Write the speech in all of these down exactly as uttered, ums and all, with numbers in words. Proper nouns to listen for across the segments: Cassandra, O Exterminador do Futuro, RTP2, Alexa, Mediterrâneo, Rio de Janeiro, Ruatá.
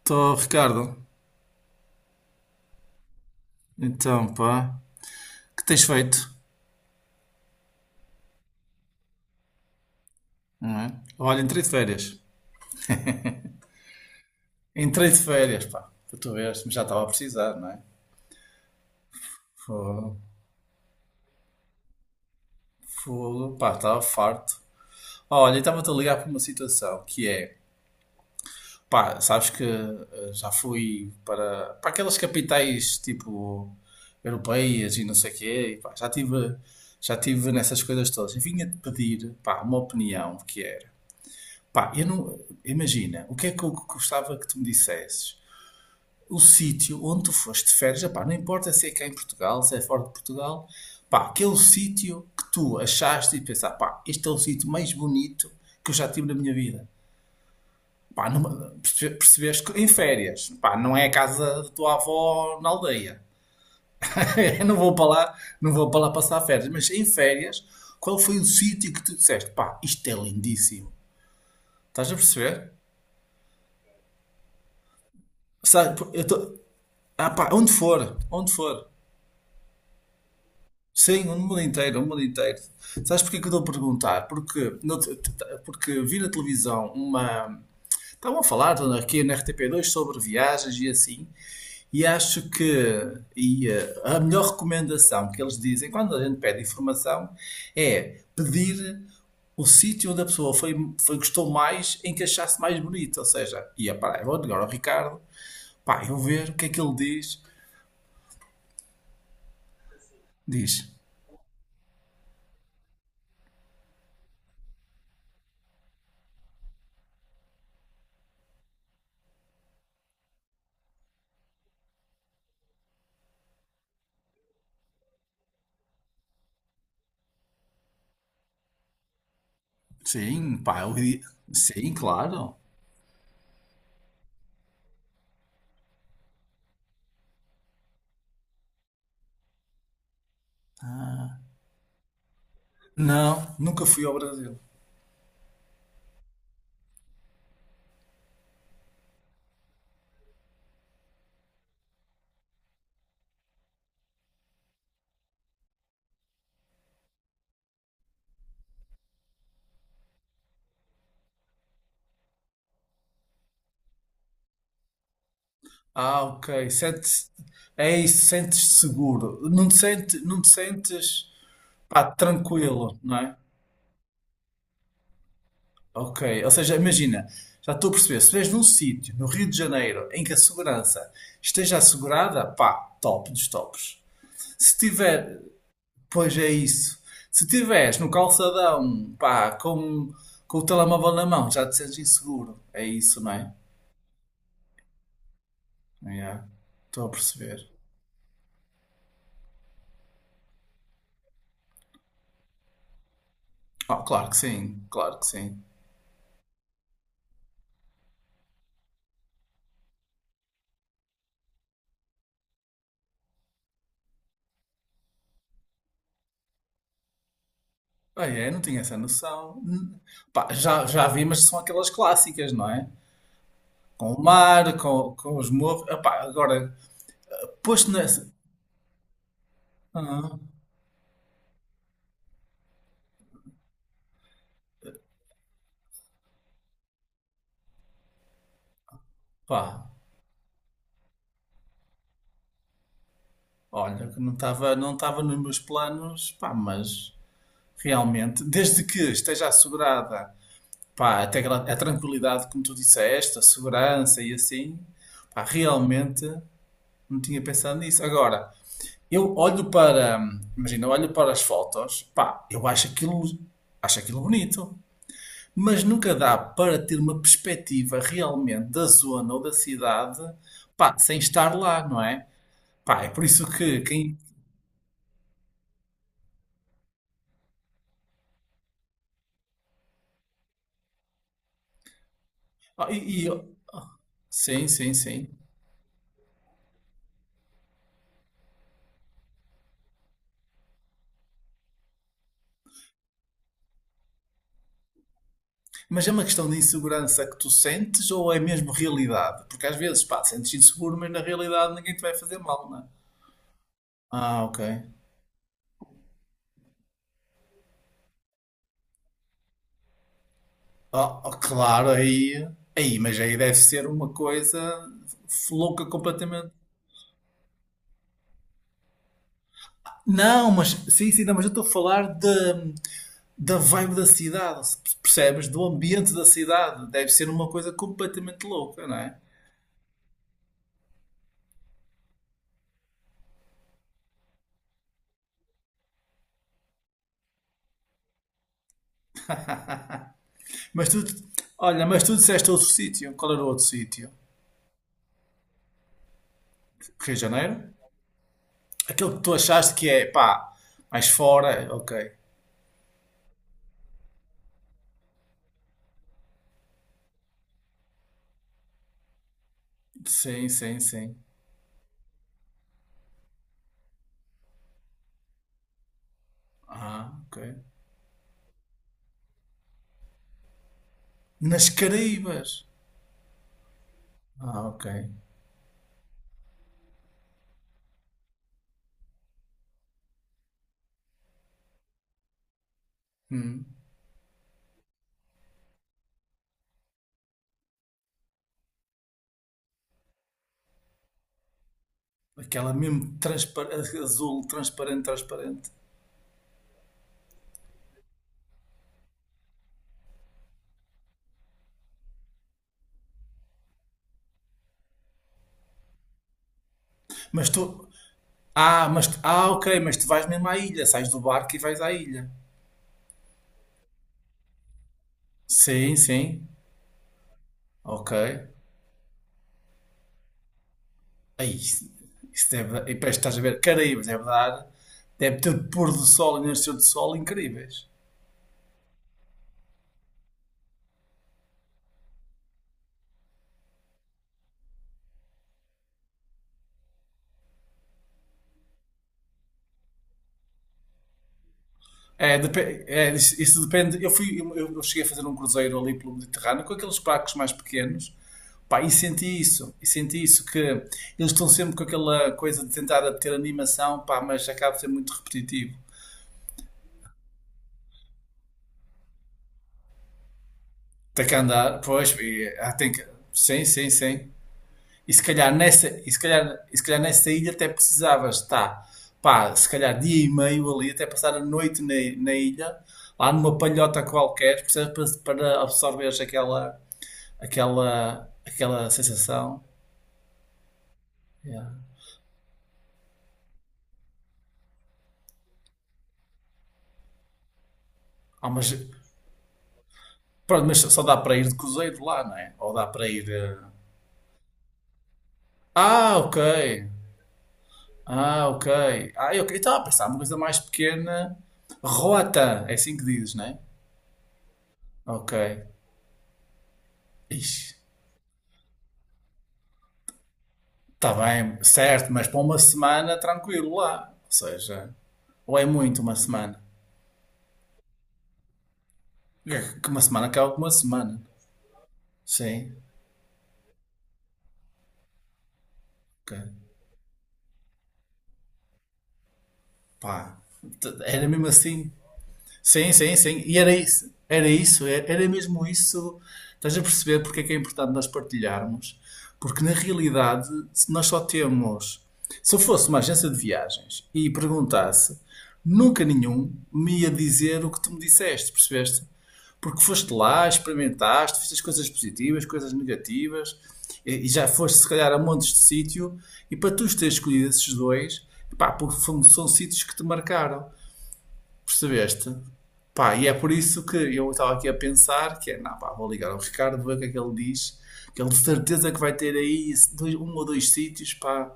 Estou, Ricardo. Então, pá, o que tens feito? Olha, entrei de férias. Entrei de férias, pá, para tu veres, mas já estava a precisar, não é? Fogo, fogo, pá, estava farto. Olha, estava-te a ligar para uma situação que é, pá, sabes que eh, já fui para, para aquelas capitais tipo europeias e não sei o quê, e, pá, já tive, já tive nessas coisas todas. E vinha-te pedir, pá, uma opinião que era. Pá, eu não, imagina, o que é que eu gostava que tu me dissesses? O sítio onde tu foste de férias, epá, não importa se é cá em Portugal, se é fora de Portugal, pá, aquele sítio que tu achaste e pensar, pá, este é o sítio mais bonito que eu já tive na minha vida. Pá, numa- perce- percebeste que em férias, pá, não é a casa da tua avó na aldeia. Eu não vou para lá, não vou para lá passar férias, mas em férias, qual foi o sítio que tu disseste, pá, isto é lindíssimo. Estás a perceber? Sabe, eu tô, ah, pá, onde for, onde for. Sim, o mundo inteiro, o mundo inteiro. Sabes porquê que eu estou a perguntar? Porque, no- t- t- porque vi na televisão uma. Estavam a falar aqui na R T P dois sobre viagens e assim, e acho que e, eh, a melhor recomendação que eles dizem quando a gente pede informação é pedir o sítio onde a pessoa foi, foi- gostou mais em que achasse mais bonito. Ou seja, ia para eu vou ligar ao Ricardo, pá, eu vou ver o que é que ele diz. Diz, sim, pá, eu, di- sim, claro. Não, nunca fui ao Brasil. Ah, ok. Sentes, é isso, sentes-te seguro. Não te sentes, não te sentes, pá, tranquilo, não é? Ok. Ou seja, imagina, já estou a perceber, se vês num sítio, no Rio de Janeiro, em que a segurança esteja assegurada, pá, top dos tops. Se tiver, pois é isso. Se tiveres no calçadão, pá, com, com o telemóvel na mão, já te sentes inseguro. É isso, não é? Yeah, Estou a perceber. Ah, claro que sim, claro que sim. Bem, é, não tinha essa noção. Hum. Pá, já, já vi, mas são aquelas clássicas, não é? Com o mar, com, com os morros. Ah, pá, agora, posto nessa. Ah, pá, olha, que não estava não estava nos meus planos, pá, mas realmente, desde que esteja assegurada, pá, até aquela- a tranquilidade, como tu disseste, a segurança e assim, pá, realmente não tinha pensado nisso. Agora. Eu olho para, imagina, eu olho para as fotos, pá, eu acho aquilo, acho aquilo bonito, mas nunca dá para ter uma perspectiva realmente da zona ou da cidade, pá, sem estar lá, não é? Pá, é por isso que quem. Ah, e- e- sim, sim, sim. Mas é uma questão de insegurança que tu sentes ou é mesmo realidade? Porque às vezes, pá, sentes inseguro, mas na realidade ninguém te vai fazer mal, não é? Ah, ok. Oh, oh, claro, aí, aí, mas aí deve ser uma coisa f- louca completamente. Não, mas sim, sim, não, mas eu estou a falar de, da vibe da cidade, se percebes? Do ambiente da cidade. Deve ser uma coisa completamente louca, não é? Mas tu, olha, mas tu- disseste outro sítio. Qual era o outro sítio? Rio de Janeiro? Aquele que tu achaste que é, pá, mais fora, ok. Sim, sim, sim. Ah, ok. Nas Caraíbas. Ah, ok. Hum. Aquela mesmo transpar azul, transparente, transparente. Mas tu. Ah, mas tu- ah, ok, mas tu vais mesmo à ilha, sais do barco e vais à ilha. Sim, sim. Ok. Aí, isso isso deve. E parece que estás a ver Caraíbas, deve dar. Deve ter pôr do sol e nascer do sol incríveis. É, depe- é, isso isso depende. Eu fui, eu, eu cheguei a fazer um cruzeiro ali pelo Mediterrâneo com aqueles barcos mais pequenos, pá, e senti isso, e senti isso que eles estão sempre com aquela coisa de tentar ter animação, pá, mas acaba de ser muito repetitivo. Tem que andar, pois, e, ah, tem que, sim, sim, sim. E se calhar nessa, e se calhar, e se calhar nessa ilha até precisavas estar, pá, se calhar dia e meio ali, até passar a noite na, na ilha, lá numa palhota qualquer, percebes? Para, para absorveres aquela aquela, aquela sensação. Yeah. Há umas- Pronto, mas só dá para ir de cruzeiro lá, não é? Ou dá para ir. eh, Ah, ok. Ah, ok. Ah, ok. Estava a pensar uma coisa mais pequena. Rota, é assim que dizes, não é? Ok. Ixi, está bem, certo, mas para uma semana tranquilo lá. Ou seja, ou é muito uma semana? É Que uma semana acaba com uma semana. Sim, ok. Pá, t- era mesmo assim. Sim, sim, sim. E era isso, era isso, era era mesmo isso. Estás a perceber porque é que é importante nós partilharmos? Porque na realidade se nós só temos. Se eu fosse uma agência de viagens e perguntasse, nunca nenhum me ia dizer o que tu me disseste, percebeste? Porque foste lá, experimentaste, fizeste coisas positivas, coisas negativas, e e já foste se calhar a montes de sítio, e para tu teres escolhido esses dois, pá, porque foram- são sítios que te marcaram. Percebeste? Pá, e é por isso que eu estava aqui a pensar que é, não, pá, vou ligar ao Ricardo, ver o que é que ele diz, que ele de certeza que vai ter aí esse dois- um ou dois sítios, pá.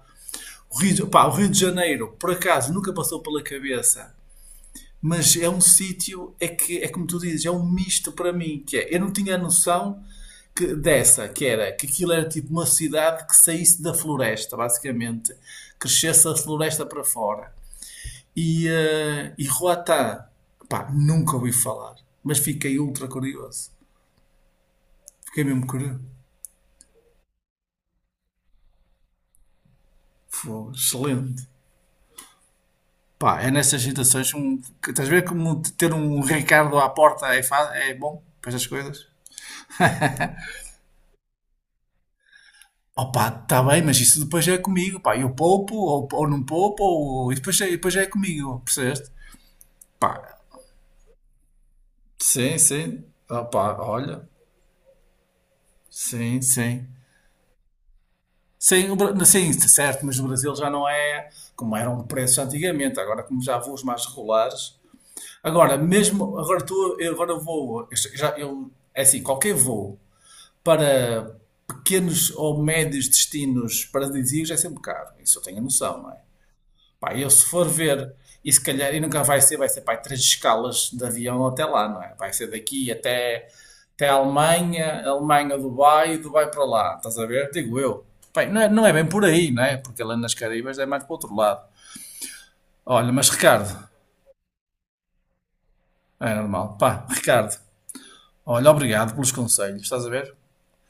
O Rio, de- pá, o Rio de Janeiro, por acaso, nunca passou pela cabeça, mas é um sítio, é que, é como tu dizes, é um misto para mim, que é, eu não tinha a noção que, dessa, que era, que aquilo era tipo uma cidade que saísse da floresta, basicamente, crescesse a floresta para fora. E, eh, e Ruatá, pá, nunca ouvi falar, mas fiquei ultra curioso. Fiquei mesmo curioso. Foi excelente. Pá, é nessas situações um, que estás a ver como ter um Ricardo à porta é, fa- é bom para estas coisas? Opa, está bem, mas isso depois é comigo, pá, eu poupo ou, ou não poupo ou, e depois, é- depois é comigo, percebeste? Pá, sim, sim, opa, olha, sim, sim. Sim, o Bra- sim, certo, mas no Brasil já não é como eram preços antigamente, agora como já há voos mais regulares. Agora, mesmo, agora tu, eu agora vou, eu já, eu, é assim, qualquer voo para pequenos ou médios destinos paradisíacos é sempre caro, isso eu tenho a noção, não é? Pá, eu se for ver, e se calhar, e nunca vai ser, vai ser, pá, três escalas de avião até lá, não é? Vai ser daqui até, até a Alemanha, Alemanha, Dubai, Dubai para lá, estás a ver? Digo eu. Bem, não é, não é bem por aí, não é? Porque lá nas Caribas é mais para o outro lado. Olha, mas Ricardo, é normal. Pá, Ricardo, olha, obrigado pelos conselhos, estás a ver?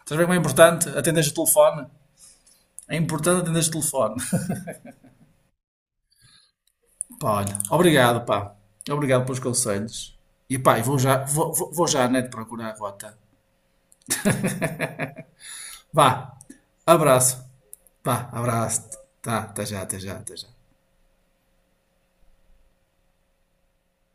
Estás a ver como é importante atenderes o telefone? É importante atenderes o telefone. Pá, olha, obrigado, pá. Obrigado pelos conselhos. E pá, e vou já, vou, vou vou já, né, de procurar a rota. Vá, abraço. Vá, abraço. Tá, tá já, tá já, tá já.